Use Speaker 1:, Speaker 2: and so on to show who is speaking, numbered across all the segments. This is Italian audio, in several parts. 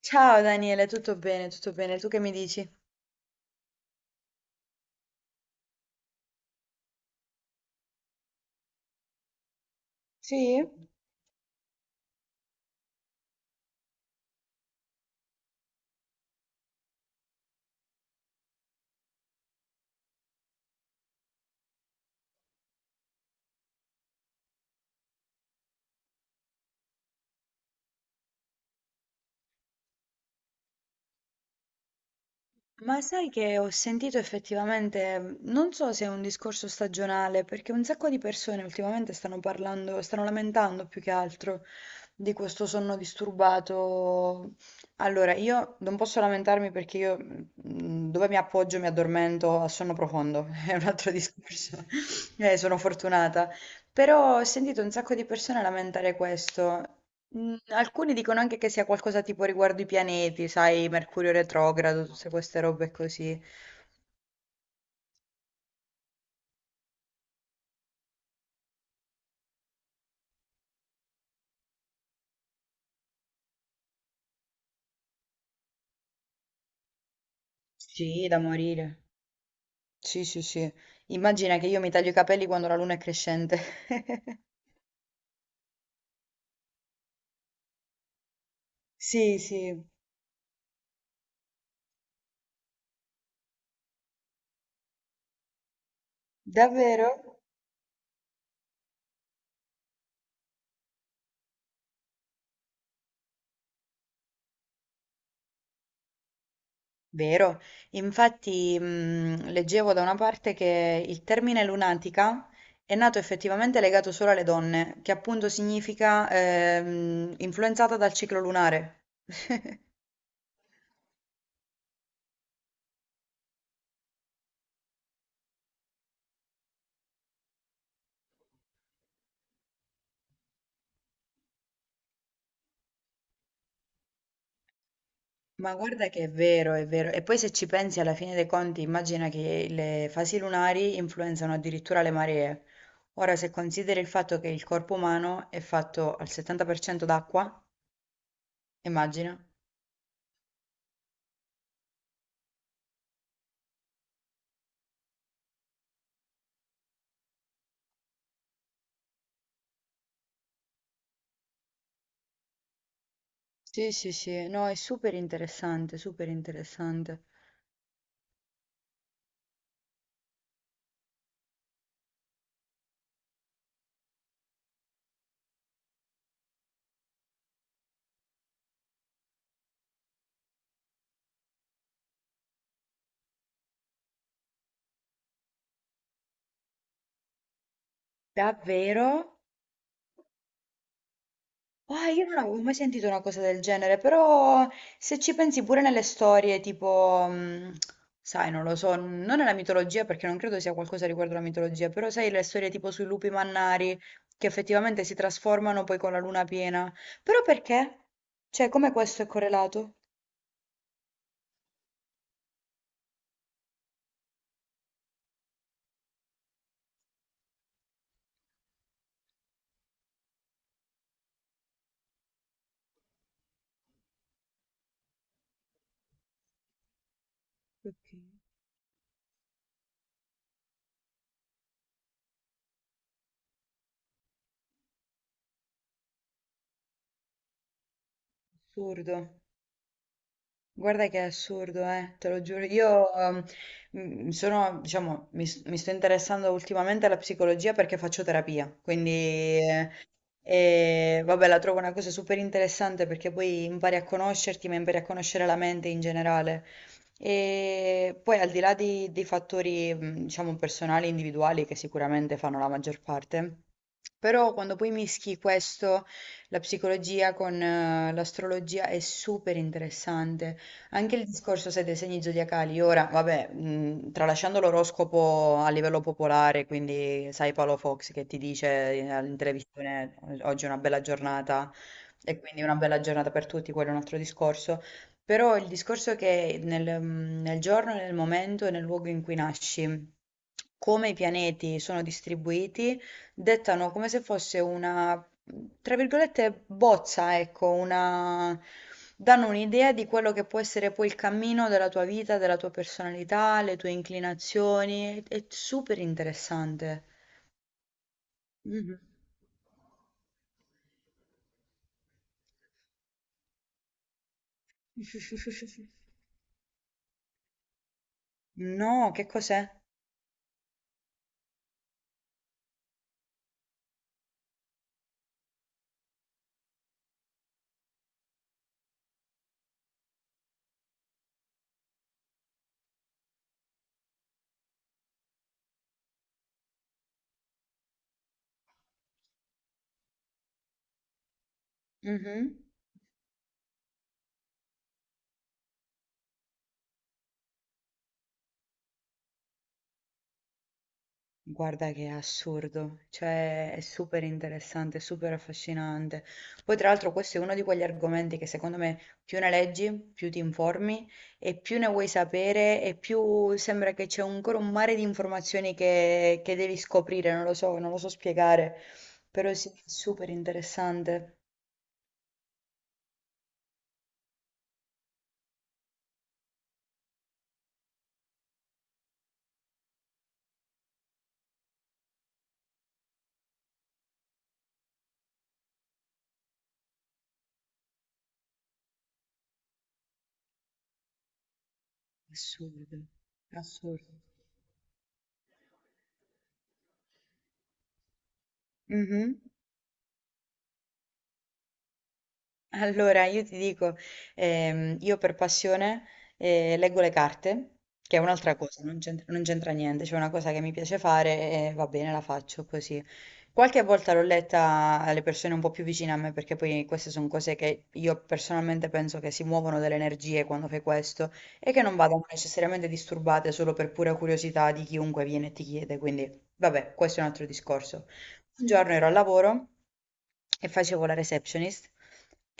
Speaker 1: Ciao Daniele, tutto bene, tu che mi dici? Sì? Ma sai che ho sentito effettivamente, non so se è un discorso stagionale, perché un sacco di persone ultimamente stanno parlando, stanno lamentando più che altro di questo sonno disturbato. Allora, io non posso lamentarmi perché io dove mi appoggio mi addormento a sonno profondo, è un altro discorso. Sono fortunata. Però ho sentito un sacco di persone lamentare questo. Alcuni dicono anche che sia qualcosa tipo riguardo i pianeti, sai, Mercurio retrogrado, tutte queste robe così. Sì, da morire. Sì, sì, sì. Immagina che io mi taglio i capelli quando la luna è crescente. Sì, sì, davvero? Vero. Infatti, leggevo da una parte che il termine lunatica è nato effettivamente legato solo alle donne, che appunto significa influenzata dal ciclo lunare. Ma guarda che è vero, è vero. E poi se ci pensi alla fine dei conti, immagina che le fasi lunari influenzano addirittura le maree. Ora, se consideri il fatto che il corpo umano è fatto al 70% d'acqua, immagina. Sì, sì, sì, no, è super interessante, super interessante. Davvero? Ah, io non avevo mai sentito una cosa del genere, però se ci pensi pure nelle storie, tipo, sai, non lo so, non nella mitologia perché non credo sia qualcosa riguardo alla mitologia, però sai le storie tipo sui lupi mannari che effettivamente si trasformano poi con la luna piena. Però perché? Cioè, come questo è correlato? Ok. Assurdo, guarda che è assurdo, te lo giuro. Io sono, diciamo, mi sto interessando ultimamente alla psicologia perché faccio terapia, quindi e vabbè, la trovo una cosa super interessante perché poi impari a conoscerti, ma impari a conoscere la mente in generale. E poi al di là di fattori, diciamo, personali, individuali, che sicuramente fanno la maggior parte, però quando poi mischi questo, la psicologia con l'astrologia è super interessante. Anche il discorso, sai, dei segni zodiacali, ora, vabbè, tralasciando l'oroscopo a livello popolare, quindi sai Paolo Fox che ti dice in televisione oggi è una bella giornata e quindi una bella giornata per tutti, quello è un altro discorso, però il discorso è che nel, nel giorno, nel momento e nel luogo in cui nasci, come i pianeti sono distribuiti, dettano come se fosse una tra virgolette "bozza", ecco, una danno un'idea di quello che può essere poi il cammino della tua vita, della tua personalità, le tue inclinazioni. È super interessante. Mh-mh. No, che cos'è? Mh-mh. Guarda che è assurdo, cioè è super interessante, è super affascinante. Poi tra l'altro questo è uno di quegli argomenti che secondo me più ne leggi, più ti informi e più ne vuoi sapere e più sembra che c'è ancora un mare di informazioni che devi scoprire, non lo so, non lo so spiegare, però sì, è super interessante. Assurdo, assurdo. Mhm. Allora, io ti dico, io per passione leggo le carte, che è un'altra cosa, non c'entra niente, c'è una cosa che mi piace fare e va bene, la faccio così. Qualche volta l'ho letta alle persone un po' più vicine a me, perché poi queste sono cose che io personalmente penso che si muovono delle energie quando fai questo e che non vadano necessariamente disturbate solo per pura curiosità di chiunque viene e ti chiede, quindi vabbè, questo è un altro discorso. Un giorno ero al lavoro e facevo la receptionist.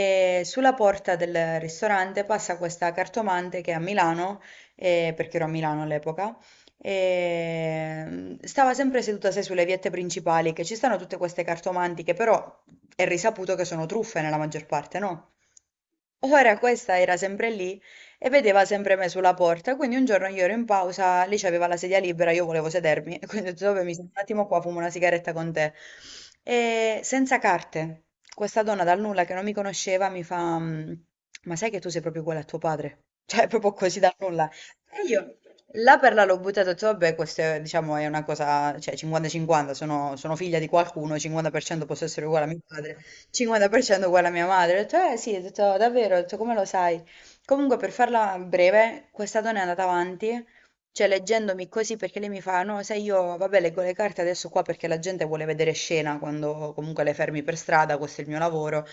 Speaker 1: E sulla porta del ristorante passa questa cartomante che a Milano, perché ero a Milano all'epoca, stava sempre seduta, sai, sulle viette principali, che ci stanno tutte queste cartomanti che però è risaputo che sono truffe nella maggior parte, no? Ora questa era sempre lì e vedeva sempre me sulla porta. Quindi un giorno io ero in pausa, lei c'aveva la sedia libera, io volevo sedermi, e quindi ho detto, vabbè, mi sento un attimo qua, fumo una sigaretta con te. E senza carte, questa donna dal nulla che non mi conosceva mi fa, "Mm, ma sai che tu sei proprio uguale a tuo padre? Cioè, proprio così dal nulla. E io là per là l'ho buttato, ho detto, vabbè, questo è, diciamo, è una cosa, cioè 50-50, sono, sono figlia di qualcuno, 50% posso essere uguale a mio padre, 50% uguale a mia madre. Ho detto, eh sì, ho detto, davvero, ho detto, come lo sai? Comunque, per farla breve, questa donna è andata avanti, cioè leggendomi così perché lei mi fa: no, sai, io vabbè, leggo le carte adesso qua perché la gente vuole vedere scena quando comunque le fermi per strada, questo è il mio lavoro.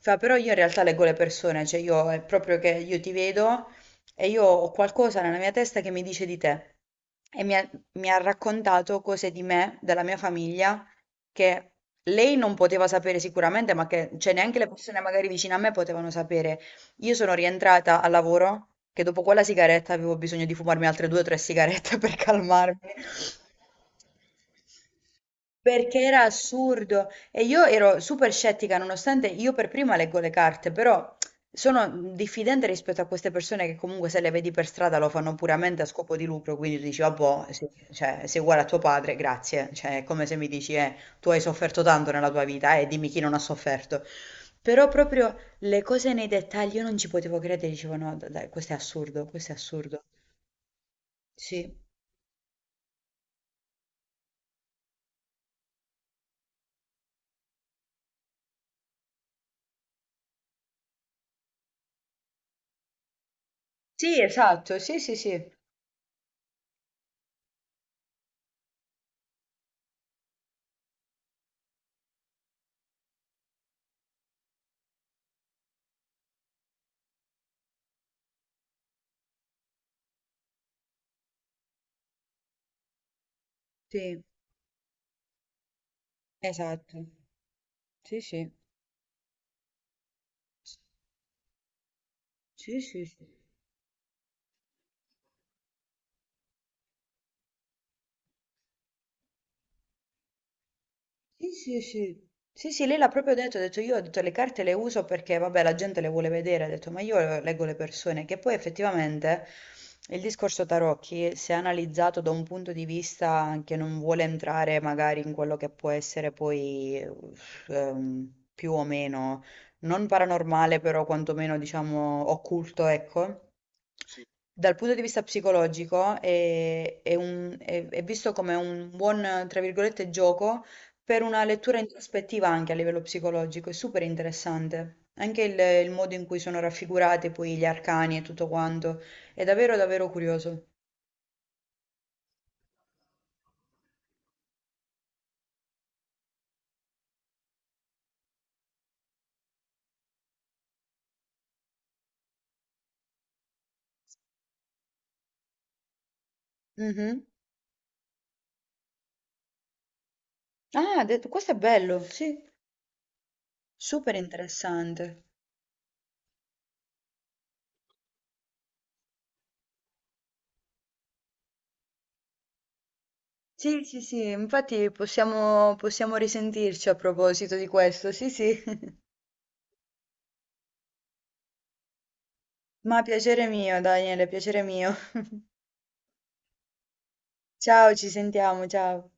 Speaker 1: Fa, però io in realtà leggo le persone, cioè io è proprio che io ti vedo e io ho qualcosa nella mia testa che mi dice di te. E mi ha raccontato cose di me, della mia famiglia, che lei non poteva sapere sicuramente, ma che cioè, neanche le persone magari vicine a me potevano sapere. Io sono rientrata al lavoro che dopo quella sigaretta avevo bisogno di fumarmi altre due o tre sigarette per calmarmi. Perché era assurdo e io ero super scettica, nonostante io per prima leggo le carte, però sono diffidente rispetto a queste persone che comunque se le vedi per strada lo fanno puramente a scopo di lucro, quindi tu dici, vabbè, cioè, sei uguale a tuo padre, grazie, cioè è come se mi dici, tu hai sofferto tanto nella tua vita e dimmi chi non ha sofferto. Però proprio le cose nei dettagli, io non ci potevo credere, dicevo no, dai, questo è assurdo, questo è assurdo. Sì. Sì, esatto, sì, sì, sì. Sì, esatto. Sì, sì. Sì, sì, sì. Sì, sì, sì. Sì, sì, lei l'ha proprio detto, ha detto io ho detto, le carte le uso perché vabbè la gente le vuole vedere, ha detto ma io leggo le persone, che poi effettivamente il discorso tarocchi, se analizzato da un punto di vista che non vuole entrare magari in quello che può essere poi uff, più o meno, non paranormale però quantomeno diciamo occulto, ecco dal punto di vista psicologico è visto come un buon, tra virgolette, gioco per una lettura introspettiva anche a livello psicologico, è super interessante. Anche il modo in cui sono raffigurati poi gli arcani e tutto quanto, è davvero davvero curioso. Mhm. Ah, questo è bello, sì, super interessante. Sì, sì, sì, infatti possiamo risentirci a proposito di questo, sì, sì. Ma piacere mio, Daniele, piacere mio. Ciao, ci sentiamo, ciao.